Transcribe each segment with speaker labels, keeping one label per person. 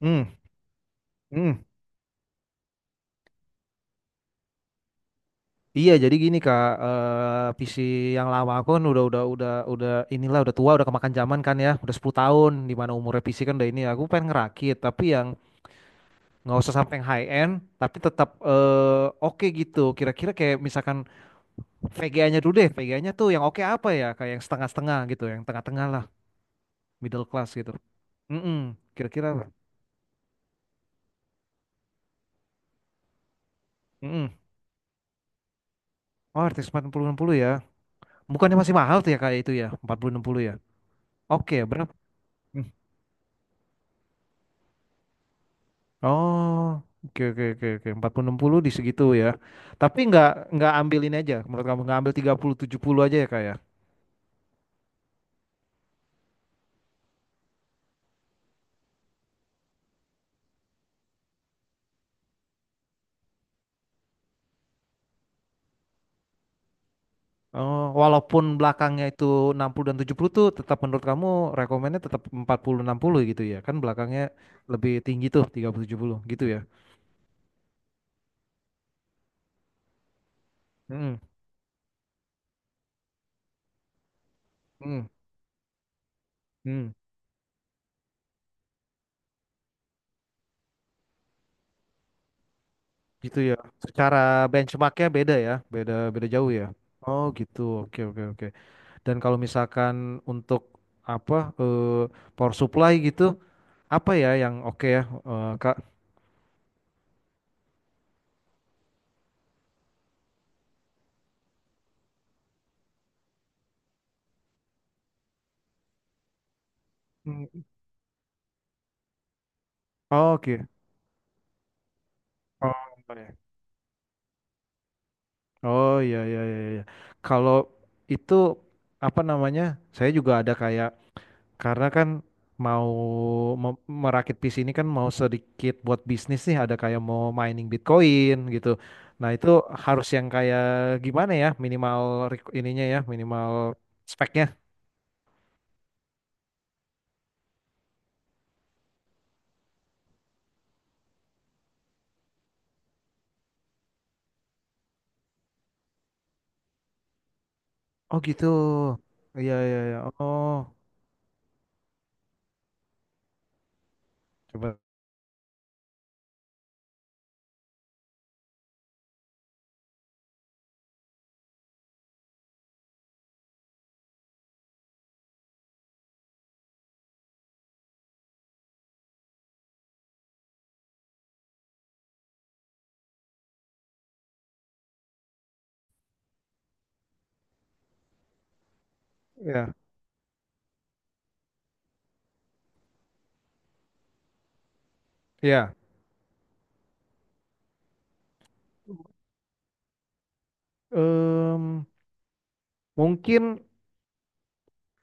Speaker 1: Hmm, hmm. Iya, jadi gini Kak, PC yang lama aku kan udah inilah, udah tua, udah kemakan zaman kan ya, udah 10 tahun, di mana umurnya PC kan udah ini. Aku pengen ngerakit, tapi yang nggak usah sampai yang high end, tapi tetap oke gitu. Kira-kira kayak misalkan VGA-nya dulu deh, VGA-nya tuh yang oke apa ya? Kayak yang setengah-setengah gitu, yang tengah-tengah lah, middle class gitu. Mm-mm, kira-kira apa? Mm-mm. Oh, R T X empat puluh enam puluh ya. Bukannya masih mahal tuh ya kayak itu ya, empat puluh enam puluh ya. Oke, berapa? Oh, oke, oke, oke, oke. Empat puluh enam puluh di segitu ya. Tapi nggak ambil ini aja. Menurut kamu nggak ambil tiga puluh tujuh puluh aja ya kak ya? Oh, walaupun belakangnya itu 60 dan 70 tuh, tetap menurut kamu rekomennya tetap empat puluh enam puluh gitu ya. Kan belakangnya lebih tinggi tuh, tiga puluh tujuh puluh gitu ya. Hmm. Hmm. Hmm. Gitu ya. Secara benchmarknya beda ya. Beda, beda jauh ya. Oh gitu, oke, oke, oke. Dan kalau misalkan untuk apa, eh, power supply gitu, apa ya yang oke ya, Kak? Hmm. Oke. Oh, apa ya? Oh, iya, iya, iya, iya. Kalau itu apa namanya? Saya juga ada kayak karena kan mau merakit PC ini kan, mau sedikit buat bisnis nih, ada kayak mau mining Bitcoin gitu. Nah, itu harus yang kayak gimana ya? Minimal ininya ya, minimal speknya. Oh gitu. Iya, iya, iya. Oh, coba ya. Ya. Em, Mungkin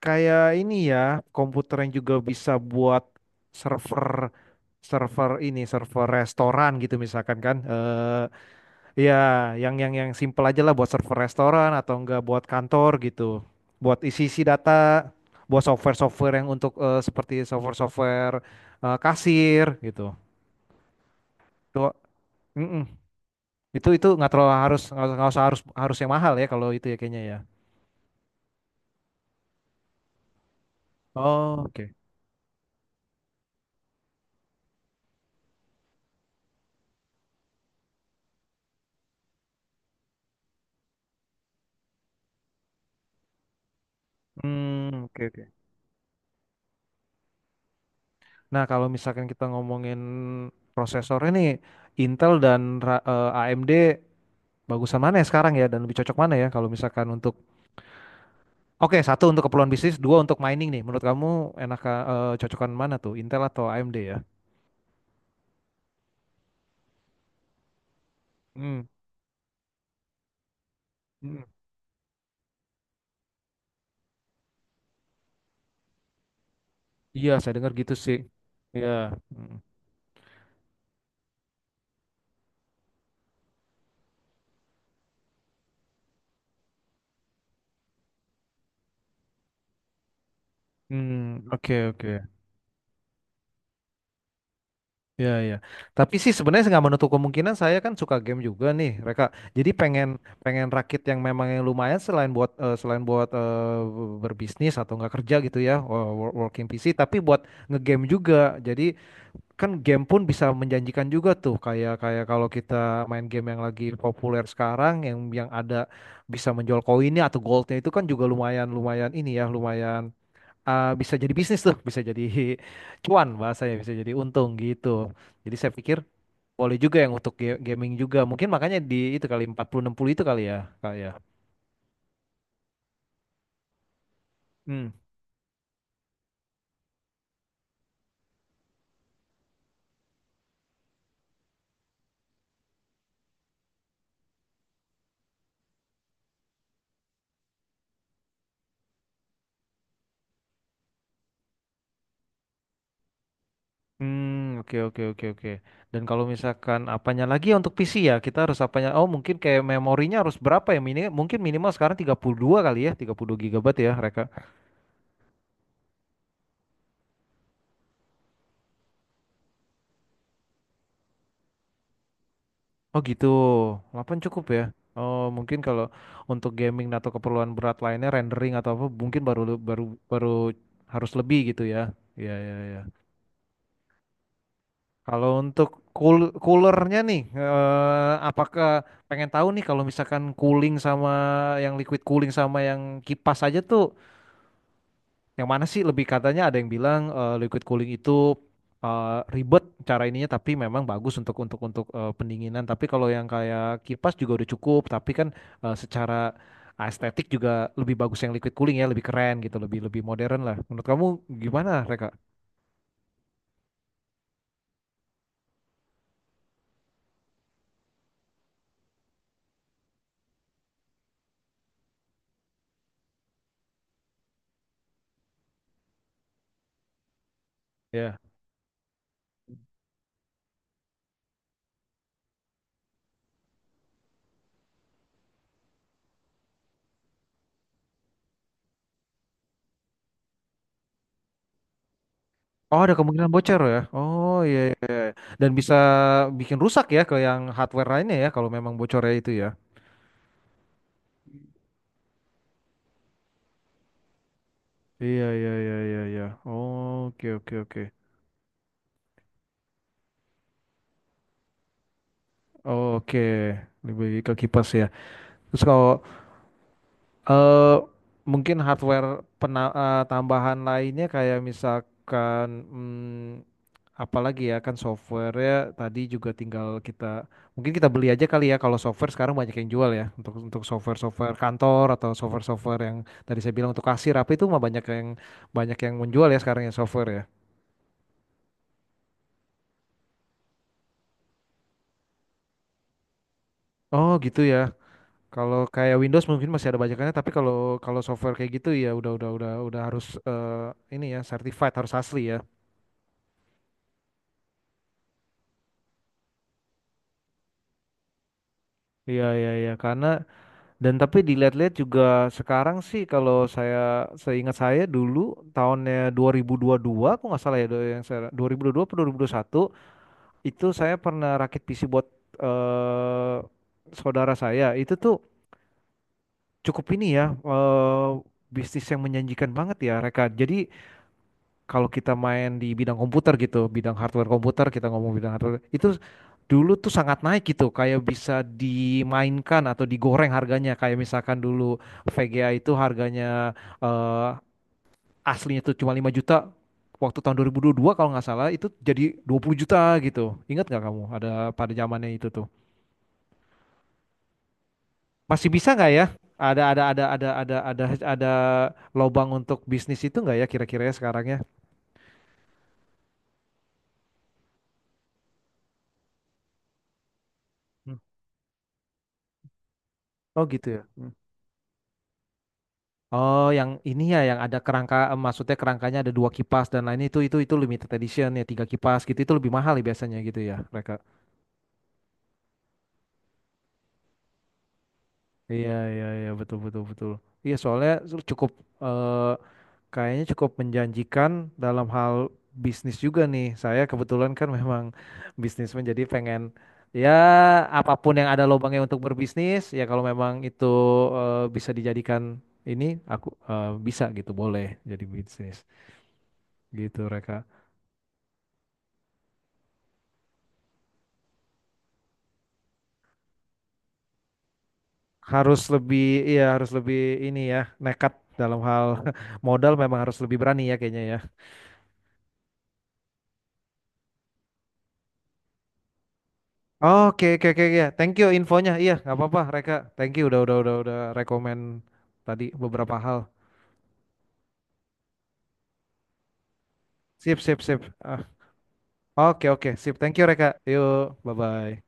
Speaker 1: kayak ini ya, komputer yang juga bisa buat server, server ini server restoran gitu misalkan kan ya, yang simple aja lah, buat server restoran atau enggak buat kantor gitu, buat isi-isi data, buat software-software yang untuk seperti software-software kasir gitu tuh. Mm-mm. Itu nggak terlalu harus, nggak usah harus harus yang mahal ya kalau itu ya, kayaknya ya. Oh, oke. Hmm, oke, oke. Nah, kalau misalkan kita ngomongin prosesornya nih, Intel dan AMD, bagusan mana ya sekarang ya, dan lebih cocok mana ya kalau misalkan untuk, oke, satu untuk keperluan bisnis, dua untuk mining nih. Menurut kamu enak, cocokan mana tuh, Intel atau AMD ya? Hmm. Hmm. Iya, saya dengar gitu sih. Iya. Hmm. Hmm, oke, oke. Ya, ya. Tapi sih sebenarnya nggak menutup kemungkinan, saya kan suka game juga nih, mereka. Jadi pengen, rakit yang memang yang lumayan, selain buat berbisnis atau nggak kerja gitu ya, working PC, tapi buat ngegame juga. Jadi kan game pun bisa menjanjikan juga tuh, kayak, kalau kita main game yang lagi populer sekarang, yang, ada bisa menjual koinnya atau goldnya, itu kan juga lumayan, lumayan ini ya, lumayan bisa jadi bisnis tuh, bisa jadi cuan bahasanya, bisa jadi untung gitu. Jadi saya pikir boleh juga yang untuk gaming juga. Mungkin makanya di itu kali, 40 puluh enam puluh itu kali ya, kali ya. Hmm. Hmm, oke, oke, oke, oke. Dan kalau misalkan apanya lagi ya untuk PC ya, kita harus apanya? Oh, mungkin kayak memorinya harus berapa ya mini? Mungkin minimal sekarang 32 kali ya, 32 GB ya, Reka. Oh gitu, 8 cukup ya. Oh, mungkin kalau untuk gaming atau keperluan berat lainnya, rendering atau apa, mungkin baru, baru baru harus lebih gitu ya. Iya, iya, iya. Kalau untuk coolernya nih, apakah, pengen tahu nih kalau misalkan cooling, sama yang liquid cooling sama yang kipas aja tuh, yang mana sih lebih, katanya ada yang bilang liquid cooling itu eh, ribet cara ininya, tapi memang bagus untuk, pendinginan. Tapi kalau yang kayak kipas juga udah cukup, tapi kan secara estetik juga lebih bagus yang liquid cooling ya, lebih keren gitu, lebih, modern lah. Menurut kamu gimana, Reka? Ya. Oh, ada kemungkinan bocor ya. Oh iya, iya. Dan bisa bikin rusak ya ke yang hardware lainnya ya, kalau memang bocornya itu ya. Iya, iya, iya, iya, iya. Oke, oke, oke. Oke, lebih ke kipas ya. Terus kalau eh, mungkin hardware tambahan lainnya kayak misalkan, hmm, apalagi ya? Kan software ya, tadi juga tinggal kita, mungkin kita beli aja kali ya kalau software, sekarang banyak yang jual ya, untuk, software-software kantor atau software-software yang tadi saya bilang untuk kasir, apa itu mah banyak yang, menjual ya sekarang ya, software ya. Oh gitu ya. Kalau kayak Windows mungkin masih ada bajakannya, tapi kalau, software kayak gitu ya udah, udah harus ini ya, certified, harus asli ya. Iya, iya, iya, karena, dan tapi dilihat-lihat juga sekarang sih, kalau saya, seingat saya dulu tahunnya 2022, aku nggak salah ya, yang saya, 2022 atau 2021, itu saya pernah rakit PC buat eh, saudara saya. Itu tuh cukup ini ya, bisnis yang menjanjikan banget ya, Reka. Jadi kalau kita main di bidang komputer gitu, bidang hardware komputer, kita ngomong bidang hardware, itu dulu tuh sangat naik gitu, kayak bisa dimainkan atau digoreng harganya. Kayak misalkan dulu VGA itu harganya eh, aslinya tuh cuma 5 juta, waktu tahun 2022 kalau nggak salah itu jadi 20 juta gitu. Ingat nggak kamu ada pada zamannya itu tuh? Masih bisa nggak ya? Ada ada ada ada ada ada ada lobang untuk bisnis itu nggak ya, kira-kira ya, sekarangnya? Hmm. Oh gitu ya. Oh, yang ini ya, yang ada kerangka, eh, maksudnya kerangkanya ada dua kipas dan lain itu, limited edition ya, tiga kipas gitu, itu lebih mahal ya biasanya gitu ya, mereka. Iya, iya, iya, betul, betul, betul. Iya, soalnya cukup, eh, kayaknya cukup menjanjikan dalam hal bisnis juga nih. Saya kebetulan kan memang bisnis, menjadi pengen ya apapun yang ada lubangnya untuk berbisnis, ya kalau memang itu bisa dijadikan ini, aku bisa gitu, boleh jadi bisnis gitu, mereka. Harus lebih, iya harus lebih ini ya, nekat dalam hal modal, memang harus lebih berani ya kayaknya ya. Oke, oke, oke ya. Thank you infonya. Iya, nggak apa-apa Reka. Thank you udah, rekomend tadi beberapa hal. Sip, sip, sip. Ah, oke, oke, sip. Thank you Reka. Yuk, bye bye.